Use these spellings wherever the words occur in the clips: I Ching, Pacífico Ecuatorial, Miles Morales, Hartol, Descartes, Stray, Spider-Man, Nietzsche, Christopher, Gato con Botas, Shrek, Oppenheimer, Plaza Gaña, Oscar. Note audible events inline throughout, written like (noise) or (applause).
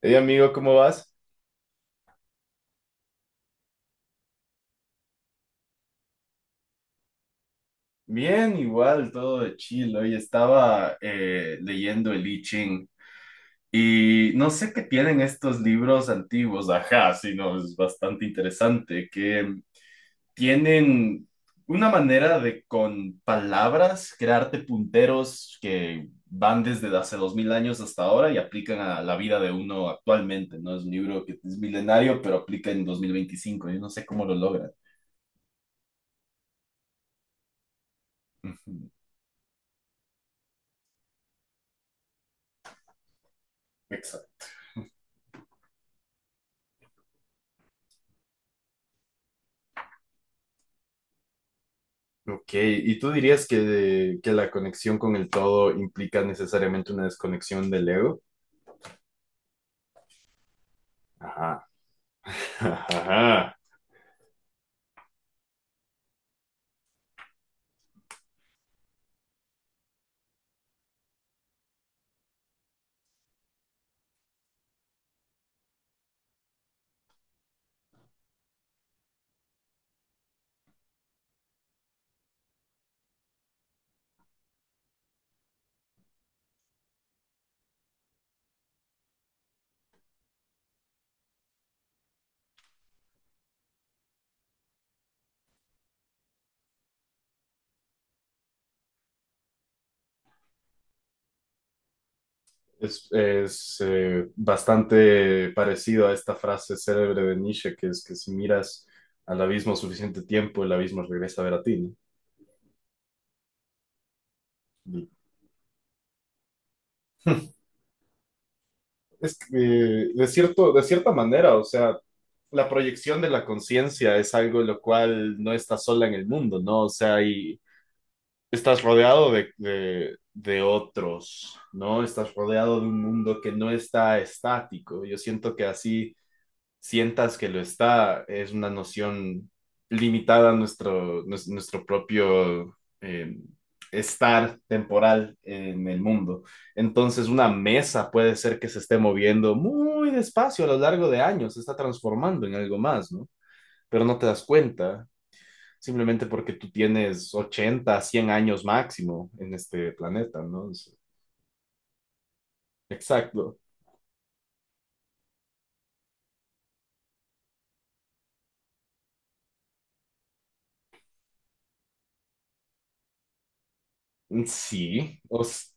Hey amigo, ¿cómo vas? Bien, igual, todo de chill. Hoy estaba leyendo el I Ching y no sé qué tienen estos libros antiguos, ajá, sino es bastante interesante, que tienen una manera de con palabras crearte punteros que van desde hace 2000 años hasta ahora y aplican a la vida de uno actualmente, ¿no? Es un libro que es milenario, pero aplica en 2025. Yo no sé cómo lo logran. (laughs) Ujú. Ok, ¿y tú dirías que la conexión con el todo implica necesariamente una desconexión del ego? Ajá. (laughs) Ajá. Es bastante parecido a esta frase célebre de Nietzsche, que es que si miras al abismo suficiente tiempo, el abismo regresa a ver a ti, ¿no? Y- (laughs) Es que, de cierto, de cierta manera, o sea, la proyección de la conciencia es algo lo cual no está sola en el mundo, ¿no? O sea, hay estás rodeado de otros, ¿no? Estás rodeado de un mundo que no está estático. Yo siento que así sientas que lo está, es una noción limitada a nuestro propio eh, estar temporal en el mundo. Entonces, una mesa puede ser que se esté moviendo muy despacio a lo largo de años, se está transformando en algo más, ¿no? Pero no te das cuenta simplemente porque tú tienes 80, 100 años máximo en este planeta, ¿no? Es- Exacto. Sí, o s-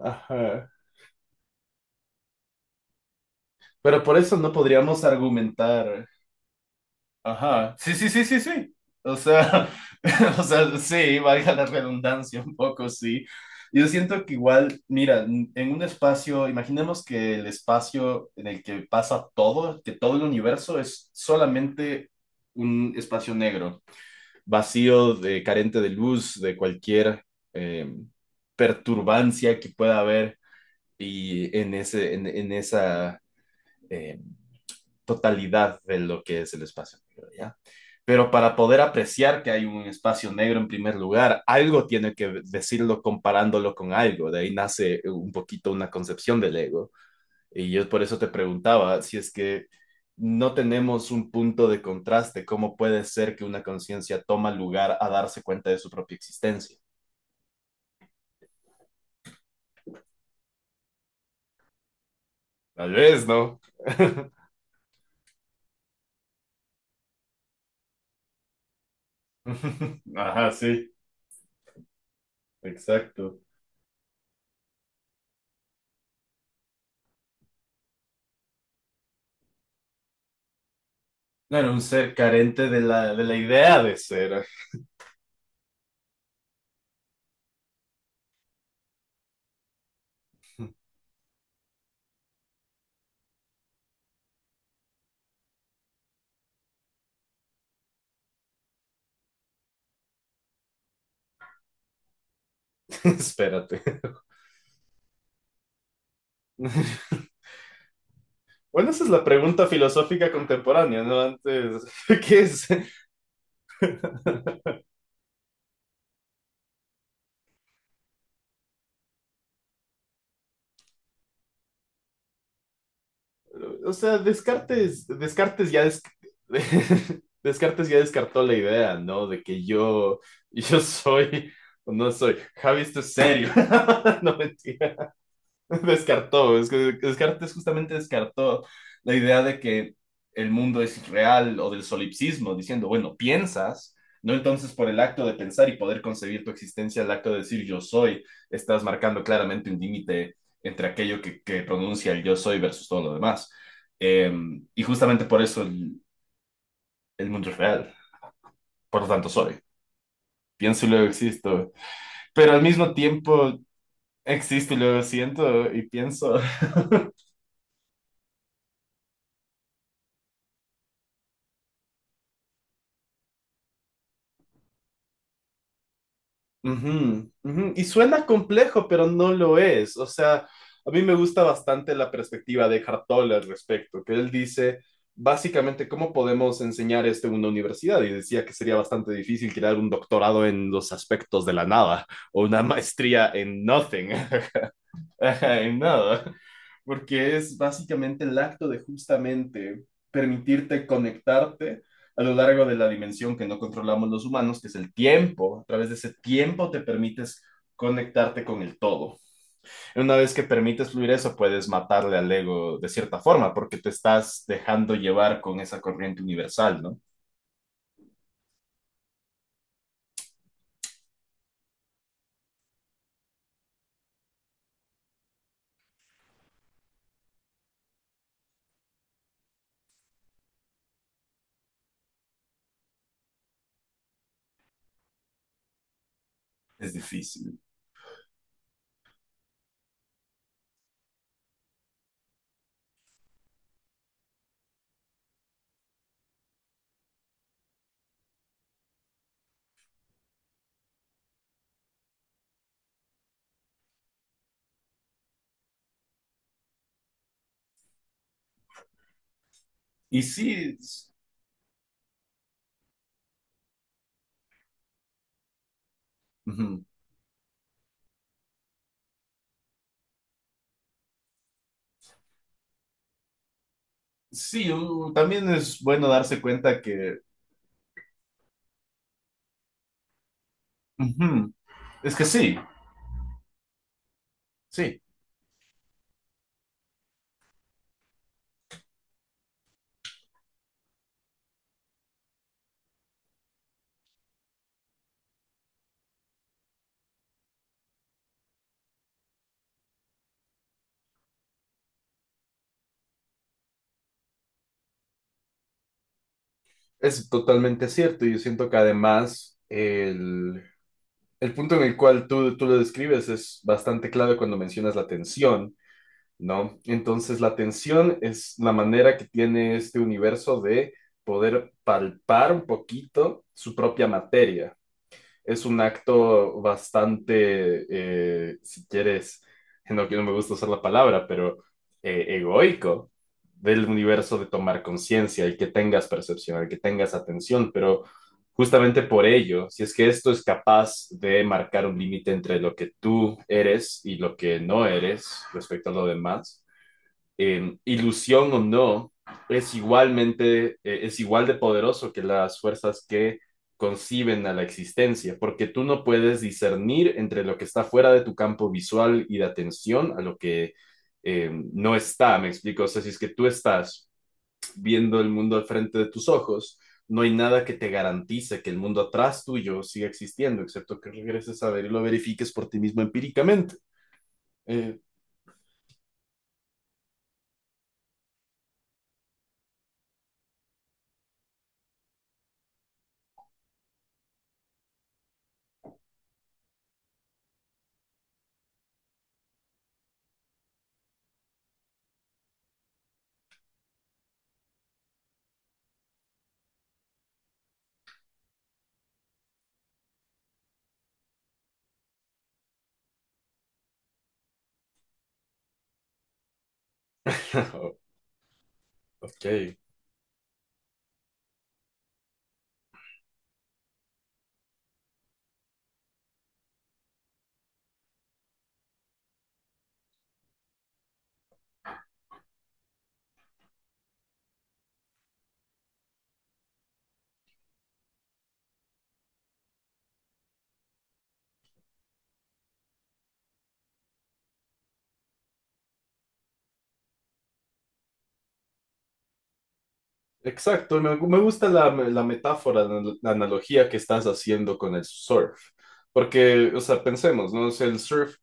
ajá. Pero por eso no podríamos argumentar. Ajá. Sí, sí, sí, sí, sí. O sea, (laughs) o sea, sí, valga la redundancia un poco, sí. Yo siento que igual, mira, n- en un espacio, imaginemos que el espacio en el que pasa todo, que todo el universo es solamente un espacio negro, vacío, de, carente de luz, de cualquier eh, perturbancia que pueda haber y en esa eh, totalidad de lo que es el espacio negro, ¿ya? Pero para poder apreciar que hay un espacio negro en primer lugar, algo tiene que decirlo comparándolo con algo. De ahí nace un poquito una concepción del ego, y yo por eso te preguntaba si es que no tenemos un punto de contraste, ¿cómo puede ser que una conciencia toma lugar a darse cuenta de su propia existencia? Tal vez, ¿no? (laughs) Ajá, sí, exacto. No era un ser carente de de la idea de ser. (laughs) Espérate. Bueno, esa es la pregunta filosófica contemporánea, ¿no? Antes, (laughs) ¿qué es? O sea, Descartes ya des- (laughs) Descartes ya descartó la idea, ¿no? De que yo, (laughs) yo soy o no soy. Javi, esto es serio. (laughs) No, mentira. (laughs) Descartó, es que Descartes justamente descartó la idea de que el mundo es real o del solipsismo, diciendo, bueno, piensas, no entonces por el acto de pensar y poder concebir tu existencia, el acto de decir yo soy, estás marcando claramente un límite entre aquello que pronuncia el yo soy versus todo lo demás. Eh, y justamente por eso el mundo es real, por lo tanto soy, pienso y luego existo, pero al mismo tiempo existo y luego siento y pienso. Ujú, ujú. Y suena complejo, pero no lo es. O sea, a mí me gusta bastante la perspectiva de Hartol al respecto, que él dice básicamente cómo podemos enseñar esto en una universidad. Y decía que sería bastante difícil crear un doctorado en los aspectos de la nada o una maestría en nothing. (laughs) (laughs) Ajá, en nada, porque es básicamente el acto de justamente permitirte conectarte a lo largo de la dimensión que no controlamos los humanos, que es el tiempo. A través de ese tiempo te permites conectarte con el todo. Una vez que permites fluir eso, puedes matarle al ego de cierta forma, porque te estás dejando llevar con esa corriente universal, ¿no? Es difícil. Y sí, es- ujú. Sí, u- también es bueno darse cuenta que... ujú. Es que sí. Sí, es totalmente cierto. Yo siento que además el punto en el cual tú lo describes es bastante clave cuando mencionas la tensión, ¿no? Entonces la tensión es la manera que tiene este universo de poder palpar un poquito su propia materia, es un acto bastante, si quieres, no, que no me gusta usar la palabra, pero egoico del universo de tomar conciencia, el que tengas percepción, el que tengas atención, pero justamente por ello, si es que esto es capaz de marcar un límite entre lo que tú eres y lo que no eres respecto a lo demás, ilusión o no, es igualmente, es igual de poderoso que las fuerzas que conciben a la existencia, porque tú no puedes discernir entre lo que está fuera de tu campo visual y de atención a lo que no está, me explico, o sea, si es que tú estás viendo el mundo al frente de tus ojos, no hay nada que te garantice que el mundo atrás tuyo siga existiendo, excepto que regreses a ver y lo verifiques por ti mismo empíricamente. Eh, (laughs) ok, exacto, me gusta la metáfora, la analogía que estás haciendo con el surf, porque, o sea, pensemos, ¿no? O sea, el surf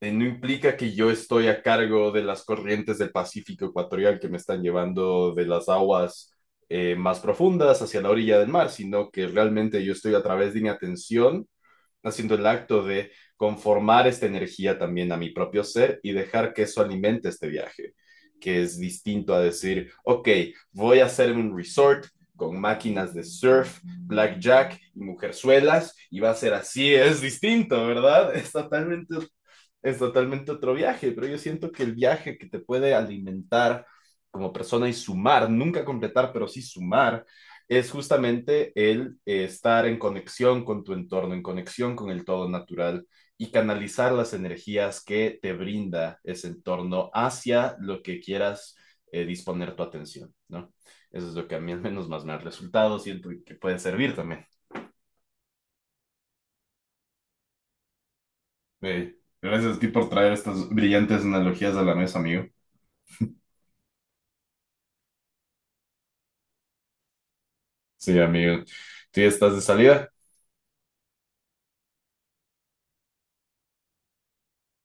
no implica que yo estoy a cargo de las corrientes del Pacífico Ecuatorial que me están llevando de las aguas más profundas hacia la orilla del mar, sino que realmente yo estoy a través de mi atención haciendo el acto de conformar esta energía también a mi propio ser y dejar que eso alimente este viaje, que es distinto a decir, ok, voy a hacerme un resort con máquinas de surf, blackjack y mujerzuelas y va a ser así, es distinto, ¿verdad? (laughs) Es totalmente otro viaje, pero yo siento que el viaje que te puede alimentar como persona y sumar, nunca completar, pero sí sumar, es justamente el estar en conexión con tu entorno, en conexión con el todo natural y canalizar las energías que te brinda ese entorno hacia lo que quieras disponer tu atención, ¿no? Eso es lo que a mí al menos más me ha resultado, siento que puede servir también. Eh, gracias a ti por traer estas brillantes analogías a la mesa, amigo. Sí, amigo. ¿Tú ya estás de salida?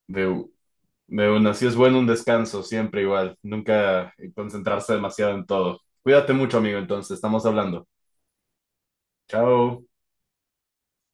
De De una, sí es bueno un descanso, siempre igual. Nunca concentrarse demasiado en todo. Cuídate mucho, amigo, entonces, estamos hablando. Chao.